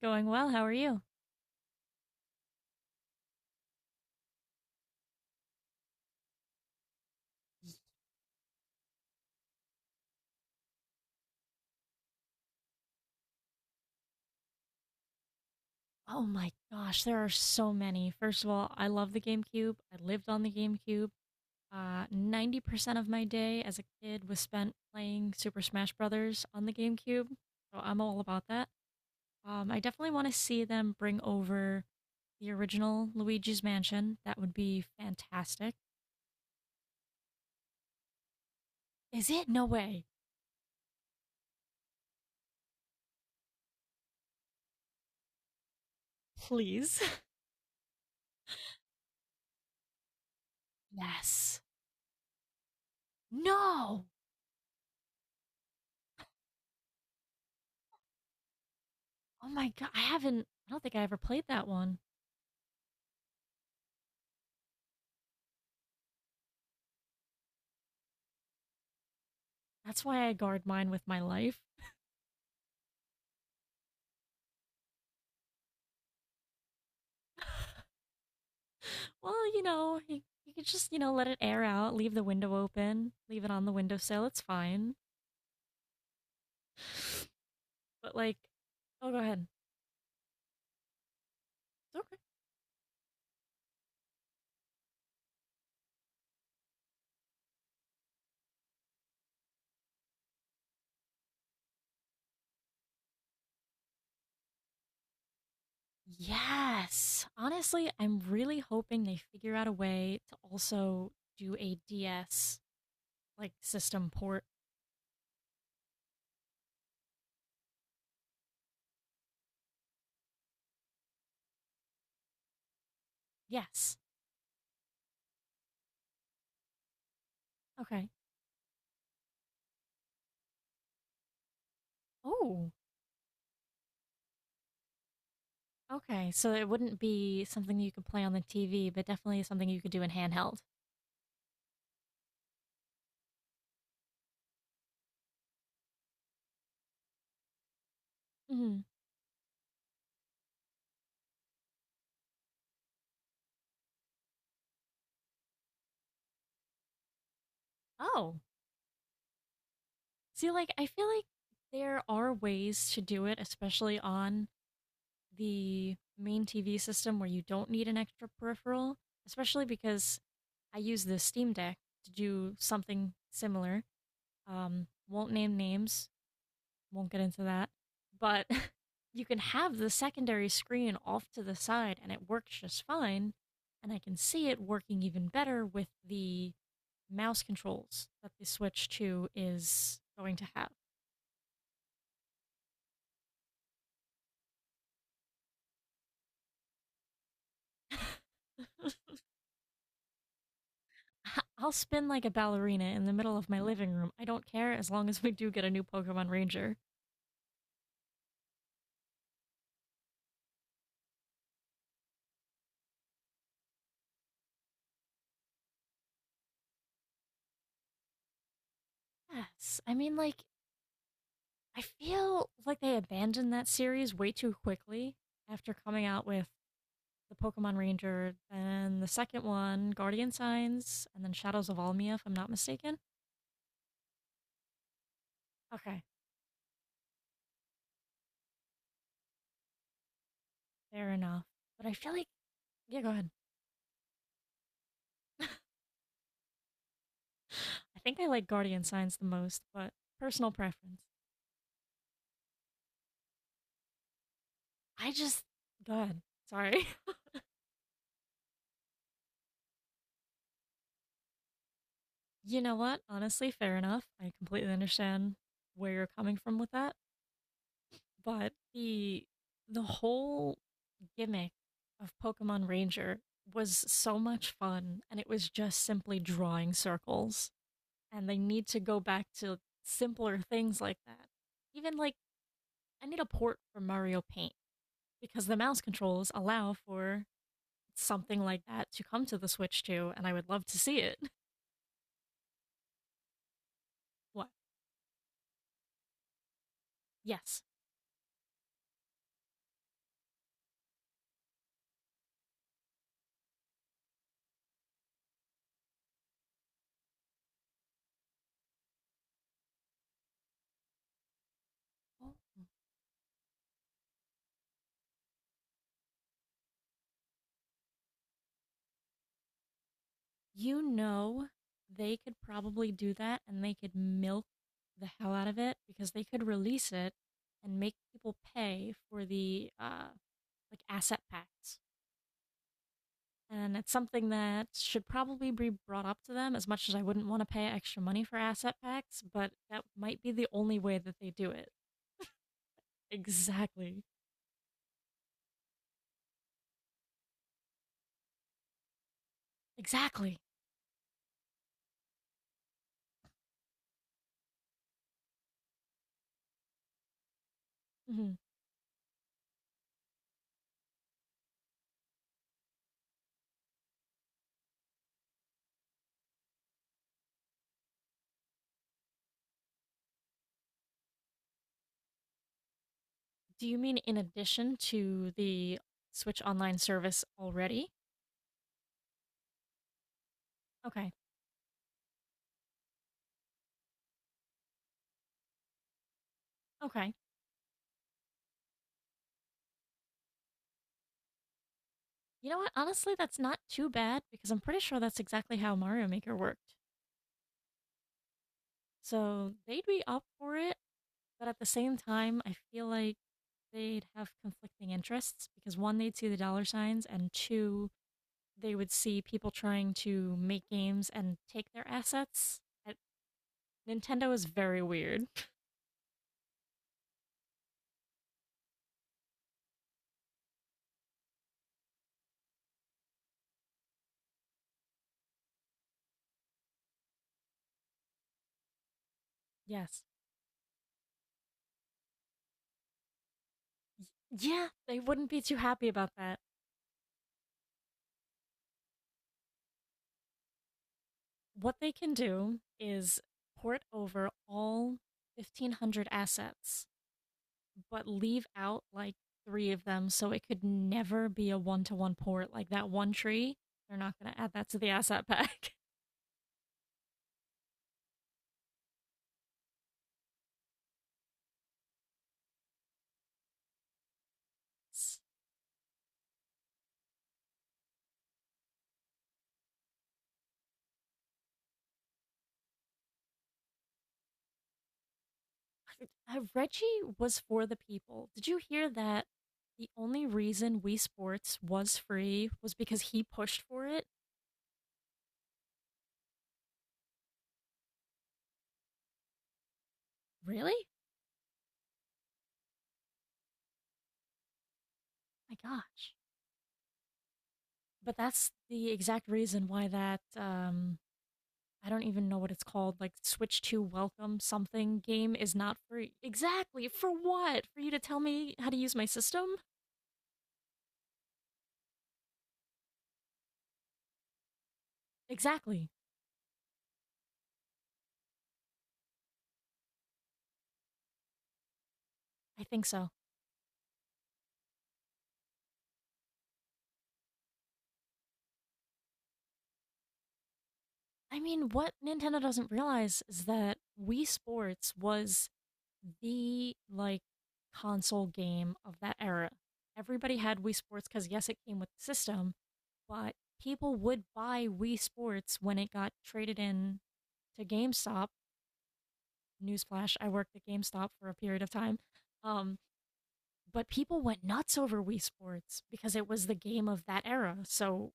Going well. How are you? Oh my gosh, there are so many. First of all, I love the GameCube. I lived on the GameCube. 90% of my day as a kid was spent playing Super Smash Brothers on the GameCube. So I'm all about that. I definitely want to see them bring over the original Luigi's Mansion. That would be fantastic. Is it? No way. Please. Yes. No. Oh my god, I don't think I ever played that one. That's why I guard mine with my life. Well, you could just, let it air out, leave the window open, leave it on the windowsill, it's fine. But like, oh, go ahead. It's okay. Yes. Honestly, I'm really hoping they figure out a way to also do a DS like system port. Yes. Okay. Oh, okay. So it wouldn't be something you could play on the TV, but definitely something you could do in handheld. Hmm. Oh, see, like, I feel like there are ways to do it, especially on the main TV system where you don't need an extra peripheral, especially because I use the Steam Deck to do something similar. Won't name names, won't get into that, but you can have the secondary screen off to the side and it works just fine. And I can see it working even better with the mouse controls that the Switch 2 is going to have. I'll spin like a ballerina in the middle of my living room. I don't care as long as we do get a new Pokemon Ranger. Yes. I mean, like, I feel like they abandoned that series way too quickly after coming out with the Pokemon Ranger and the second one, Guardian Signs, and then Shadows of Almia, if I'm not mistaken. Okay, fair enough. But I feel like, yeah, go ahead. I think I like Guardian Signs the most, but personal preference. I just, go ahead. Sorry. You know what? Honestly, fair enough. I completely understand where you're coming from with that. But the whole gimmick of Pokemon Ranger was so much fun and it was just simply drawing circles. And they need to go back to simpler things like that. Even like I need a port for Mario Paint because the mouse controls allow for something like that to come to the Switch too, and I would love to see it. What? Yes. Oh, you know, they could probably do that and they could milk the hell out of it because they could release it and make people pay for the like asset packs. And it's something that should probably be brought up to them as much as I wouldn't want to pay extra money for asset packs, but that might be the only way that they do it. Exactly. Exactly. Hmm. Do you mean in addition to the Switch Online service already? Okay. Okay. You know what? Honestly, that's not too bad because I'm pretty sure that's exactly how Mario Maker worked. So they'd be up for it, but at the same time, I feel like they'd have conflicting interests because one, they'd see the dollar signs, and two, they would see people trying to make games and take their assets. Uh, Nintendo is very weird. Yes. Yeah, they wouldn't be too happy about that. What they can do is port over all 1,500 assets but leave out like three of them so it could never be a one to one port. Like that one tree, they're not going to add that to the asset pack. Reggie was for the people. Did you hear that? The only reason Wii Sports was free was because he pushed for it. Really? My gosh. But that's the exact reason why that I don't even know what it's called, like Switch Two Welcome something game is not free. Exactly. For what? For you to tell me how to use my system? Exactly. I think so. I mean, what Nintendo doesn't realize is that Wii Sports was the like console game of that era. Everybody had Wii Sports because yes, it came with the system, but people would buy Wii Sports when it got traded in to GameStop. Newsflash: I worked at GameStop for a period of time, um, but people went nuts over Wii Sports because it was the game of that era. So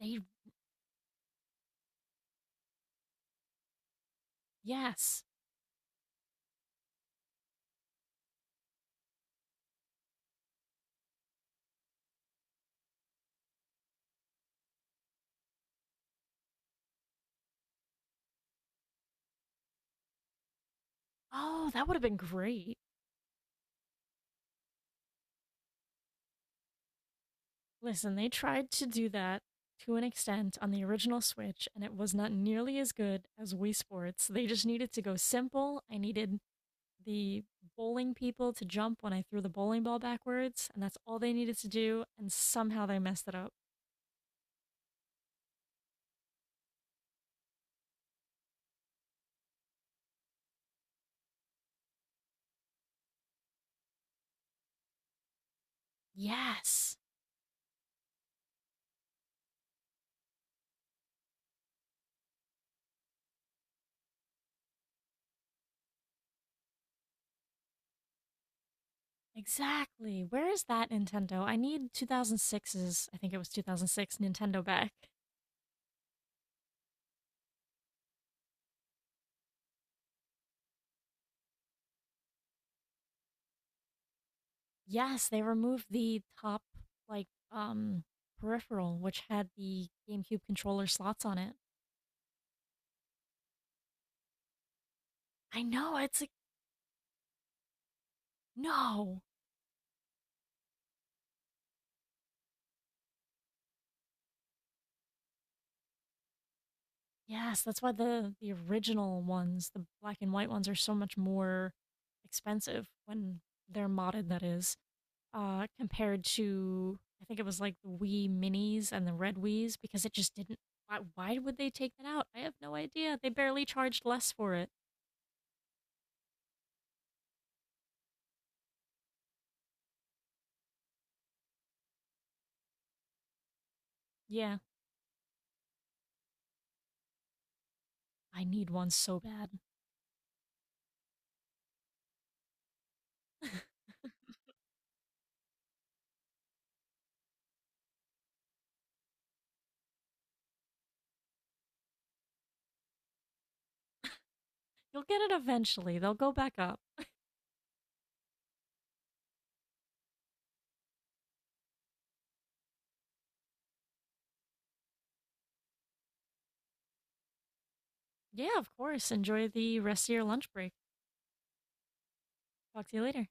they, yes, oh, that would have been great. Listen, they tried to do that to an extent on the original Switch, and it was not nearly as good as Wii Sports. They just needed to go simple. I needed the bowling people to jump when I threw the bowling ball backwards, and that's all they needed to do, and somehow they messed it up. Yes, exactly. Where is that Nintendo? I need 2006's, I think it was 2006 Nintendo back. Yes, they removed the top, like, peripheral, which had the GameCube controller slots on it. I know it's like no. Yes, that's why the original ones, the black and white ones, are so much more expensive when they're modded. That is, compared to I think it was like the Wii Minis and the Red Wii's because it just didn't. Why would they take that out? I have no idea. They barely charged less for it. Yeah, I need one so bad. You'll get it eventually. They'll go back up. Yeah, of course. Enjoy the rest of your lunch break. Talk to you later.